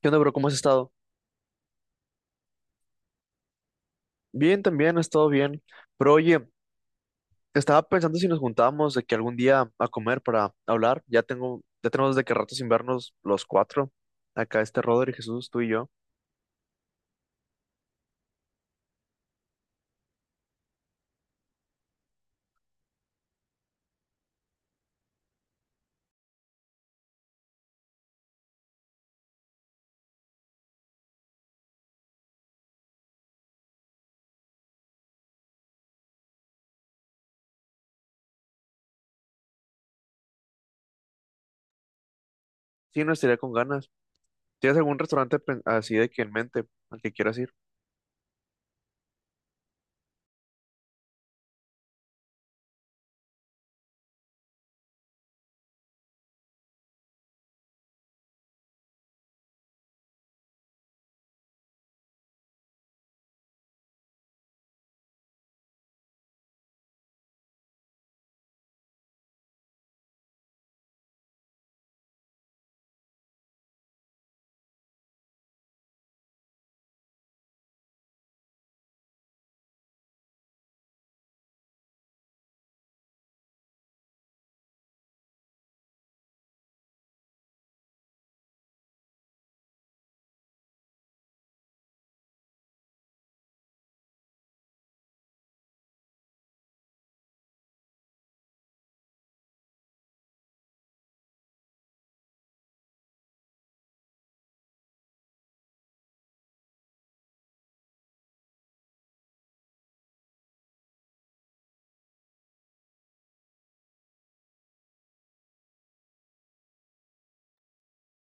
¿Qué onda, bro? ¿Cómo has estado? Bien, también he estado bien. Pero oye, estaba pensando si nos juntábamos de que algún día a comer para hablar. Ya tenemos desde que rato sin vernos los cuatro. Acá este Rodri, Jesús, tú y yo. Sí, nos estaría con ganas. ¿Tienes algún restaurante así de que en mente al que quieras ir?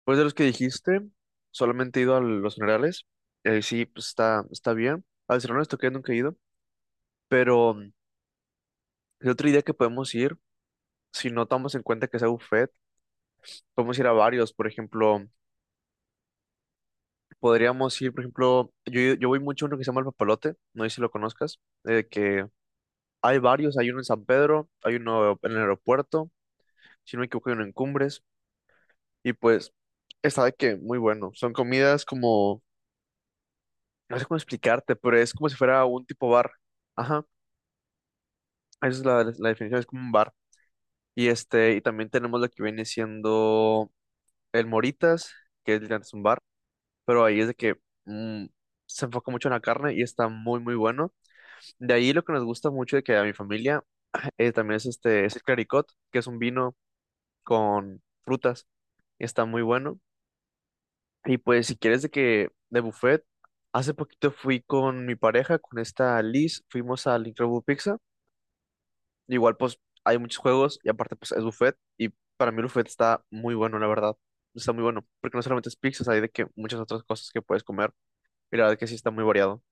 Pues de los que dijiste, solamente he ido a los generales. Sí, pues está, está bien. Al Cerro esto que nunca he ido. Pero el otro día que podemos ir, si no tomamos en cuenta que sea buffet, podemos ir a varios. Por ejemplo. Podríamos ir, por ejemplo, yo voy mucho a uno que se llama El Papalote, no sé si lo conozcas, que hay varios, hay uno en San Pedro, hay uno en el aeropuerto, si no me equivoco hay uno en Cumbres, y pues está de que muy bueno, son comidas como, no sé cómo explicarte, pero es como si fuera un tipo bar, ajá, esa es la definición, es como un bar, y este, y también tenemos lo que viene siendo el Moritas, que es literalmente un bar, pero ahí es de que mm, se enfoca mucho en la carne y está muy, muy bueno. De ahí lo que nos gusta mucho de que a mi familia también es este, es el Claricot, que es un vino con frutas, está muy bueno. Y pues si quieres de que de buffet, hace poquito fui con mi pareja, con esta Liz, fuimos al Incredible Pizza. Igual pues hay muchos juegos y aparte pues es buffet y para mí el buffet está muy bueno, la verdad. Está muy bueno, porque no solamente es pizzas, hay de que muchas otras cosas que puedes comer y la verdad que sí está muy variado.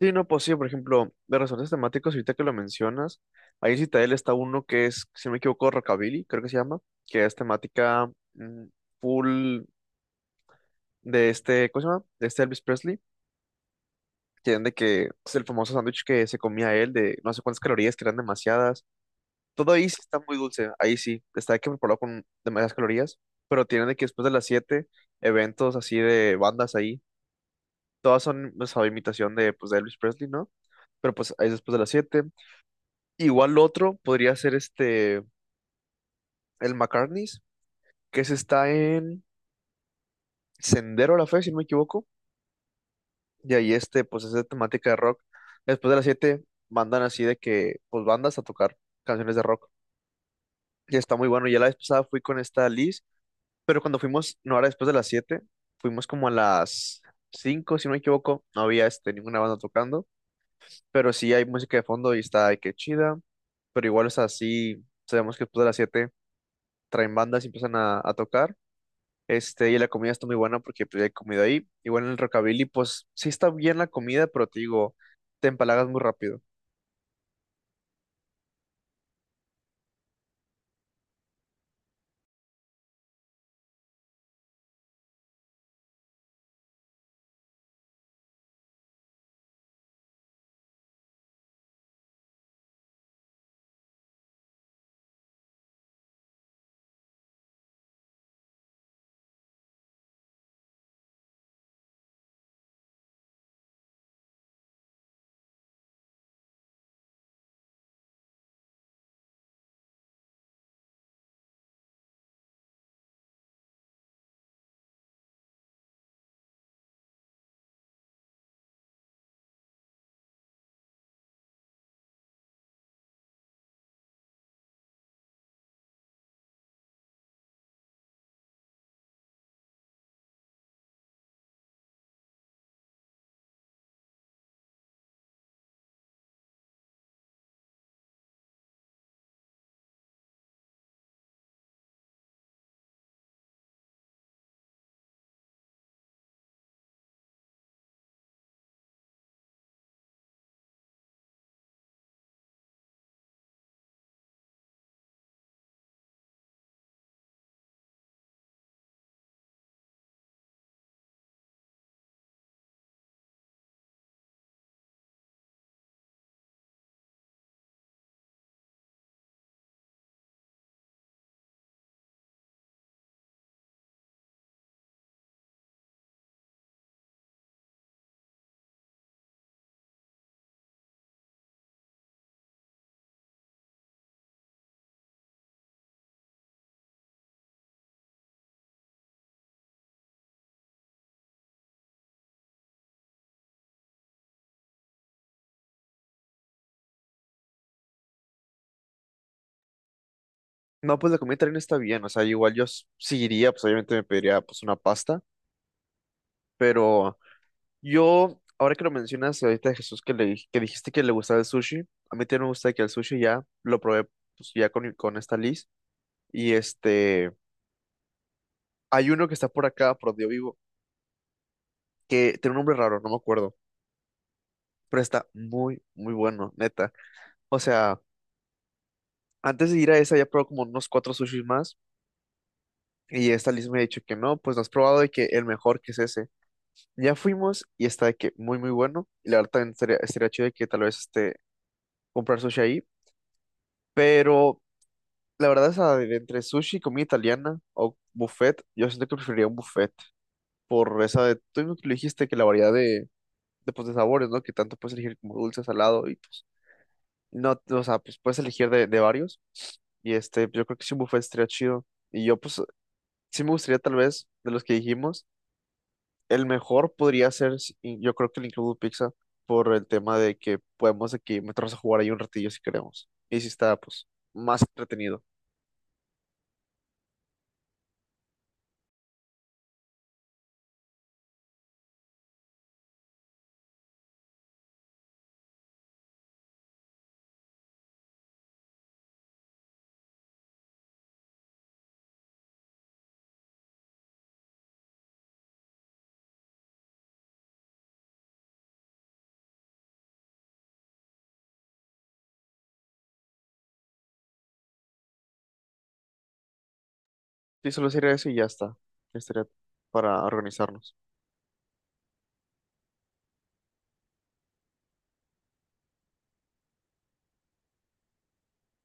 Sí, no, pues sí, por ejemplo, de resortes temáticos, ahorita que lo mencionas, ahí en Citadel está uno que es, si no me equivoco, Rockabilly, creo que se llama, que es temática mm, full de este, ¿cómo se llama? De este Elvis Presley, que eran de que es el famoso sándwich que se comía él, de no sé cuántas calorías, que eran demasiadas. Todo ahí sí está muy dulce, ahí sí, está de que preparado con demasiadas calorías, pero tienen de que después de las 7 eventos así de bandas ahí, todas son, pues, a imitación de, pues, de Elvis Presley, ¿no? Pero pues ahí es después de las 7. Igual otro podría ser este, el McCartney's, que se está en Sendero a la Fe, si no me equivoco. Y ahí este, pues es de temática de rock. Después de las 7 mandan así de que, pues bandas a tocar canciones de rock. Y está muy bueno. Ya la vez pasada fui con esta Liz, pero cuando fuimos, no era después de las 7. Fuimos como a las 5 si no me equivoco. No había este, ninguna banda tocando, pero sí hay música de fondo y está, ay, qué chida. Pero igual es así, sabemos que después de las 7 traen bandas y empiezan a tocar. Este, y la comida está muy buena porque pues, ya he comido ahí. Igual en el Rockabilly, pues sí está bien la comida, pero te digo, te empalagas muy rápido. No, pues la comida también está bien, o sea, igual yo sí iría, pues obviamente me pediría pues una pasta, pero yo, ahora que lo mencionas, ahorita Jesús que que dijiste que le gustaba el sushi, a mí también me gusta que el sushi ya lo probé pues ya con esta Liz, y este, hay uno que está por acá, por donde yo vivo, que tiene un nombre raro, no me acuerdo, pero está muy, muy bueno, neta. O sea. Antes de ir a esa ya probado como unos cuatro sushis más y esta Liz me ha dicho que no, pues no has probado y que el mejor que es ese. Ya fuimos y está de que muy muy bueno y la verdad también estaría chido de que tal vez este, comprar sushi ahí, pero la verdad de entre sushi y comida italiana o buffet, yo siento que preferiría un buffet por esa de, tú mismo que lo dijiste que la variedad de, pues, de sabores, ¿no? Que tanto puedes elegir como dulce, salado y pues, no, o sea, pues puedes elegir de varios y este, yo creo que si un buffet estaría chido. Y yo, pues, sí me gustaría tal vez, de los que dijimos, el mejor podría ser, y yo creo que el Incredible Pizza, por el tema de que podemos aquí meternos a jugar ahí un ratillo si queremos. Y si está, pues, más entretenido. Sí, solo sería eso y ya está. Estaría para organizarnos.